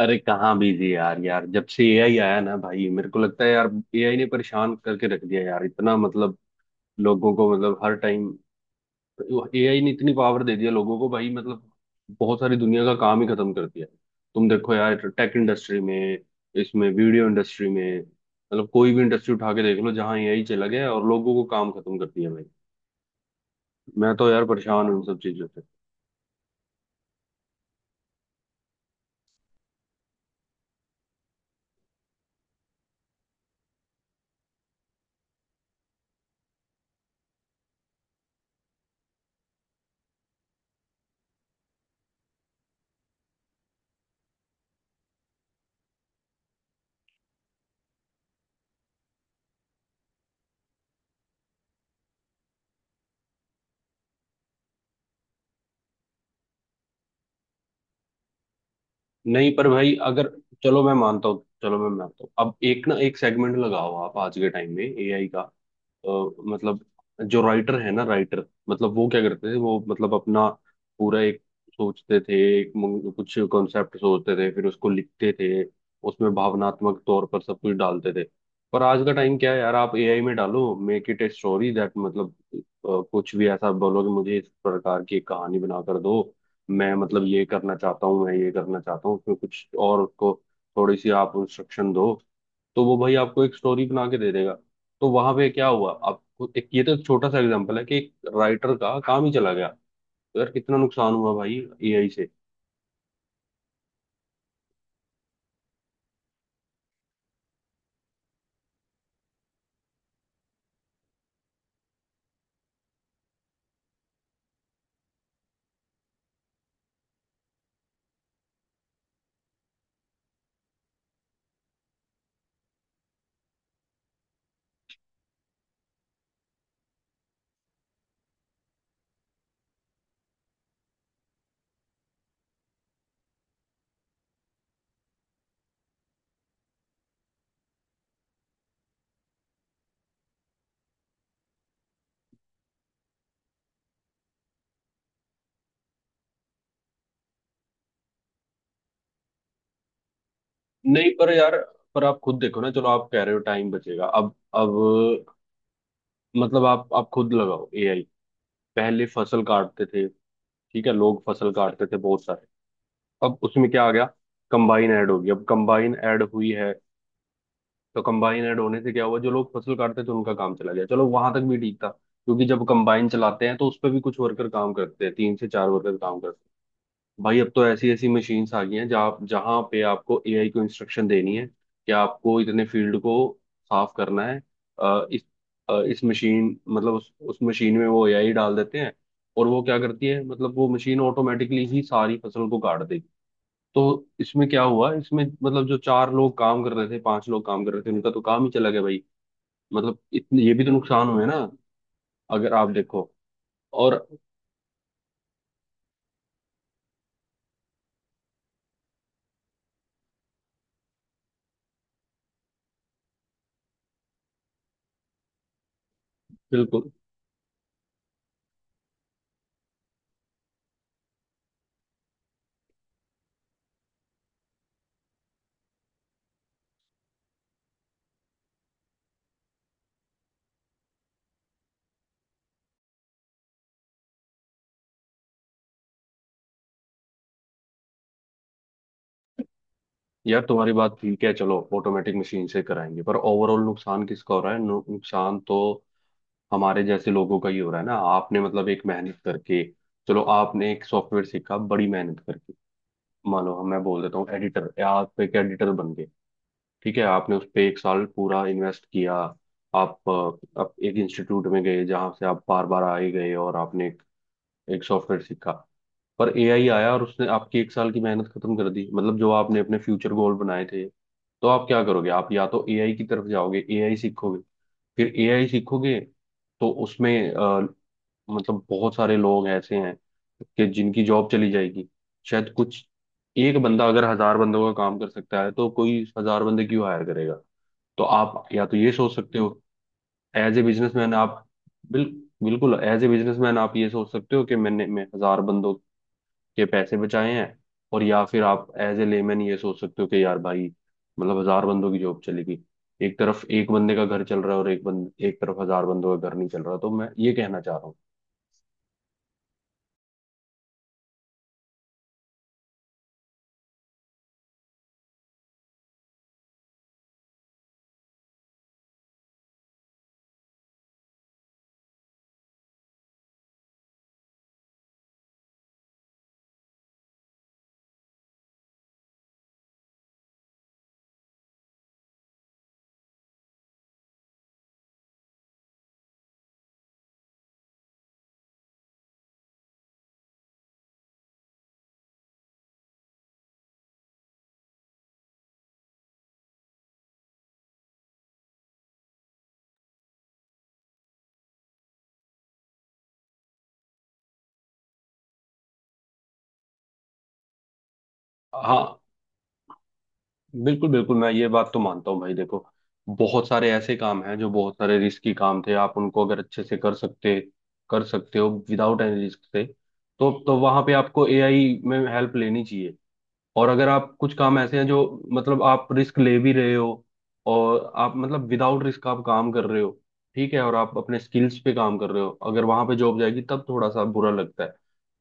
अरे कहाँ बिजी यार। यार जब से एआई आया ना भाई, मेरे को लगता है यार, एआई ने परेशान करके रख दिया यार। इतना मतलब लोगों को, मतलब हर टाइम एआई ने इतनी पावर दे दिया लोगों को भाई। मतलब बहुत सारी दुनिया का काम ही खत्म कर दिया। तुम देखो यार, टेक इंडस्ट्री में, इसमें वीडियो इंडस्ट्री में, मतलब कोई भी इंडस्ट्री उठा के देख लो जहाँ एआई चला गया और लोगों को काम खत्म कर दिया भाई। मैं तो यार परेशान हूँ इन सब चीजों से। नहीं पर भाई, अगर चलो मैं मानता हूँ, चलो मैं मानता हूँ, अब एक ना एक सेगमेंट लगाओ आप आज के टाइम में एआई का। अ, मतलब जो राइटर है ना, राइटर मतलब वो क्या करते थे? वो मतलब अपना पूरा एक सोचते थे, कुछ कॉन्सेप्ट सोचते थे, फिर उसको लिखते थे, उसमें भावनात्मक तौर पर सब कुछ डालते थे। पर आज का टाइम क्या है यार? आप एआई में डालो, make it a story that, मतलब कुछ भी ऐसा बोलो कि मुझे इस प्रकार की एक कहानी बना कर दो। मैं मतलब ये करना चाहता हूँ, मैं ये करना चाहता हूँ उसमें कुछ, और उसको थोड़ी सी आप इंस्ट्रक्शन दो तो वो भाई आपको एक स्टोरी बना के दे देगा। तो वहां पे क्या हुआ? एक ये तो एक छोटा सा एग्जांपल है कि एक राइटर का काम ही चला गया। तो यार कितना नुकसान हुआ भाई एआई से। नहीं पर यार, पर आप खुद देखो ना, चलो आप कह रहे हो टाइम बचेगा। अब मतलब आप खुद लगाओ एआई। पहले फसल काटते थे, ठीक है, लोग फसल काटते थे बहुत सारे। अब उसमें क्या आ गया? कंबाइन ऐड होगी, अब कंबाइन ऐड हुई है। तो कंबाइन ऐड होने से क्या हुआ? जो लोग फसल काटते थे उनका काम चला गया। चलो वहां तक भी ठीक था, क्योंकि जब कंबाइन चलाते हैं तो उस पर भी कुछ वर्कर काम करते हैं, तीन से चार वर्कर काम करते हैं। भाई अब तो ऐसी ऐसी मशीन्स आ गई हैं, जहाँ जहाँ पे आपको एआई को इंस्ट्रक्शन देनी है कि आपको इतने फील्ड को साफ करना है। इस इस मशीन, मतलब उस मशीन में वो एआई डाल देते हैं, और वो क्या करती है? मतलब वो मशीन ऑटोमेटिकली ही सारी फसल को काट देगी। तो इसमें क्या हुआ? इसमें मतलब जो चार लोग काम कर रहे थे, पांच लोग काम कर रहे थे, उनका तो काम ही चला गया भाई। मतलब इतने ये भी तो नुकसान हुए ना। अगर आप देखो, और बिल्कुल यार, तुम्हारी बात ठीक है। चलो ऑटोमेटिक मशीन से कराएंगे, पर ओवरऑल नुकसान किसका हो रहा है? नुकसान तो हमारे जैसे लोगों का ही हो रहा है ना। आपने मतलब एक मेहनत करके, चलो आपने एक सॉफ्टवेयर सीखा बड़ी मेहनत करके। मान लो मैं बोल देता हूँ एडिटर, आप एक एडिटर बन गए, ठीक है, आपने उस पर एक साल पूरा इन्वेस्ट किया। आप एक इंस्टीट्यूट में गए, जहाँ से आप बार बार आए गए, और आपने एक, एक सॉफ्टवेयर सीखा। पर एआई आया और उसने आपकी एक साल की मेहनत खत्म कर दी, मतलब जो आपने अपने फ्यूचर गोल बनाए थे। तो आप क्या करोगे? आप या तो एआई की तरफ जाओगे, एआई सीखोगे, फिर एआई सीखोगे। तो उसमें मतलब बहुत सारे लोग ऐसे हैं कि जिनकी जॉब चली जाएगी, शायद कुछ। एक बंदा अगर हजार बंदों का काम कर सकता है तो कोई हजार बंदे क्यों हायर करेगा? तो आप या तो ये सोच सकते हो एज ए बिजनेसमैन, आप बिल, बिल्कुल एज ए बिजनेसमैन आप ये सोच सकते हो कि मैंने, मैं हजार बंदों के पैसे बचाए हैं। और या फिर आप एज ए लेमैन ये सोच सकते हो कि यार भाई, मतलब हजार बंदों की जॉब चलेगी। एक तरफ एक बंदे का घर चल रहा है, और एक बंद एक तरफ हजार बंदों का घर नहीं चल रहा। तो मैं ये कहना चाह रहा हूँ। हाँ बिल्कुल बिल्कुल, मैं ये बात तो मानता हूँ भाई। देखो बहुत सारे ऐसे काम हैं जो बहुत सारे रिस्की काम थे, आप उनको अगर अच्छे से कर सकते हो विदाउट एनी रिस्क से, तो वहां पे आपको एआई में हेल्प लेनी चाहिए। और अगर आप, कुछ काम ऐसे हैं जो मतलब आप रिस्क ले भी रहे हो, और आप मतलब विदाउट रिस्क आप काम कर रहे हो, ठीक है, और आप अपने स्किल्स पे काम कर रहे हो, अगर वहां पे जॉब जाएगी तब थोड़ा सा बुरा लगता है।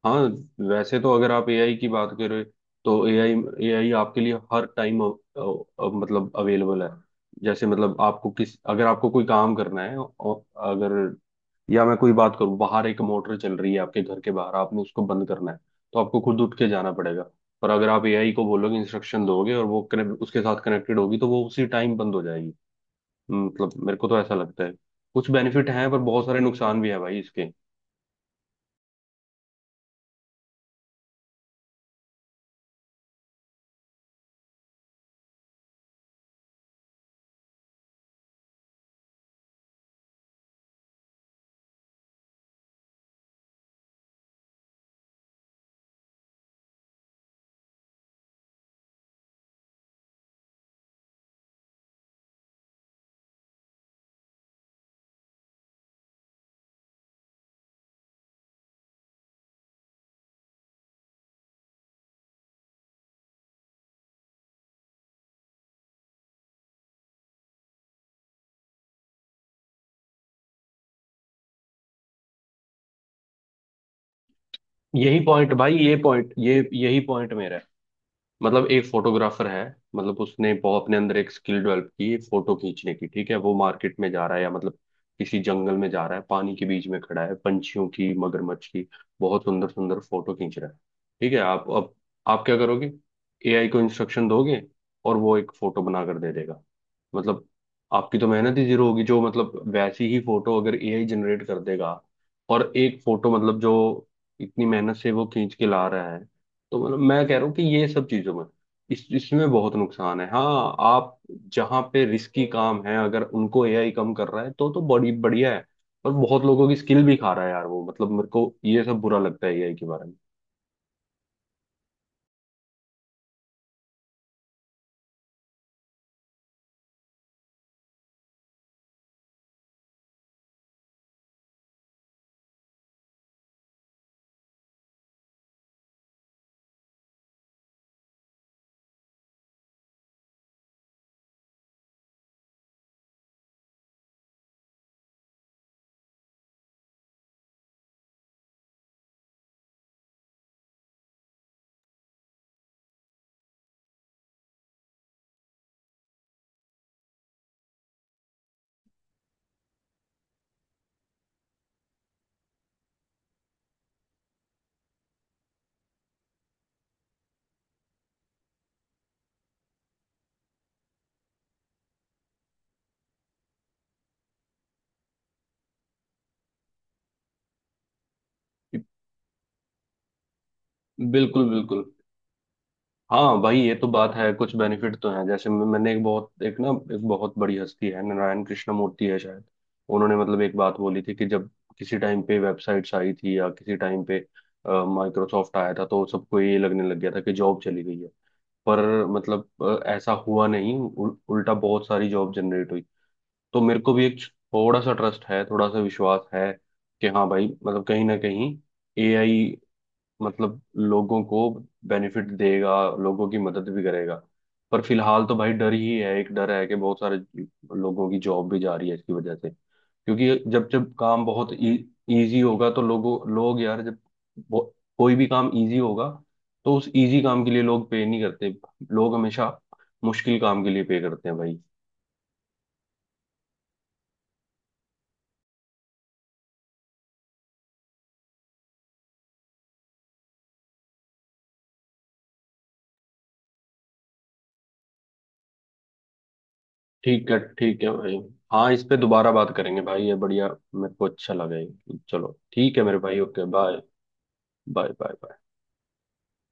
हाँ, वैसे तो अगर आप एआई की बात करें, तो एआई, एआई आपके लिए हर टाइम मतलब अवेलेबल है। जैसे मतलब आपको किस, अगर आपको कोई काम करना है, और अगर, या मैं कोई बात करूं, बाहर एक मोटर चल रही है आपके घर के बाहर, आपने उसको बंद करना है तो आपको खुद उठ के जाना पड़ेगा। और अगर आप एआई को बोलोगे, इंस्ट्रक्शन दोगे, और वो कनेक्ट, उसके साथ कनेक्टेड होगी तो वो उसी टाइम बंद हो जाएगी। मतलब मेरे को तो ऐसा लगता है कुछ बेनिफिट हैं, पर बहुत सारे नुकसान भी हैं भाई इसके। यही पॉइंट भाई, ये पॉइंट ये यही पॉइंट मेरा है। मतलब एक फोटोग्राफर है, मतलब उसने बहुत अपने अंदर एक स्किल डेवलप की फोटो खींचने की। ठीक है, वो मार्केट में जा रहा है या मतलब किसी जंगल में जा रहा है, पानी के बीच में खड़ा है, पंछियों की, मगरमच्छ की बहुत सुंदर सुंदर फोटो खींच रहा है। ठीक है, आप अब, आप क्या करोगे? एआई को इंस्ट्रक्शन दोगे और वो एक फोटो बना कर दे देगा। मतलब आपकी तो मेहनत ही जीरो होगी, जो मतलब वैसी ही फोटो अगर एआई जनरेट कर देगा। और एक फोटो मतलब जो इतनी मेहनत से वो खींच के ला रहा है। तो मतलब मैं कह रहा हूँ कि ये सब चीजों में, इस इसमें बहुत नुकसान है। हाँ आप, जहाँ पे रिस्की काम है, अगर उनको एआई कम कर रहा है तो बड़ी बढ़िया है, पर बहुत लोगों की स्किल भी खा रहा है यार वो, मतलब मेरे को ये सब बुरा लगता है एआई के बारे में। बिल्कुल बिल्कुल। हाँ भाई ये तो बात है, कुछ बेनिफिट तो हैं। जैसे मैंने एक बहुत, एक ना, एक बहुत बड़ी हस्ती है नारायण कृष्ण मूर्ति है शायद, उन्होंने मतलब एक बात बोली थी कि जब किसी टाइम पे वेबसाइट्स आई थी, या किसी टाइम पे माइक्रोसॉफ्ट आया था, तो सबको ये लगने लग गया था कि जॉब चली गई है। पर मतलब ऐसा हुआ नहीं, उल्टा बहुत सारी जॉब जनरेट हुई। तो मेरे को भी एक थोड़ा सा ट्रस्ट है, थोड़ा सा विश्वास है, कि हाँ भाई मतलब कहीं ना कहीं एआई मतलब लोगों को बेनिफिट देगा, लोगों की मदद भी करेगा। पर फिलहाल तो भाई डर ही है, एक डर है कि बहुत सारे लोगों की जॉब भी जा रही है इसकी वजह से। क्योंकि जब जब काम बहुत इजी होगा तो लोगों, लोग यार जब वो- कोई भी काम इजी होगा तो उस इजी काम के लिए लोग पे नहीं करते, लोग हमेशा मुश्किल काम के लिए पे करते हैं भाई। ठीक है भाई। हाँ इस पे दोबारा बात करेंगे भाई, ये बढ़िया, मेरे को अच्छा लगा ये। चलो ठीक है मेरे भाई, ओके बाय। Bye bye.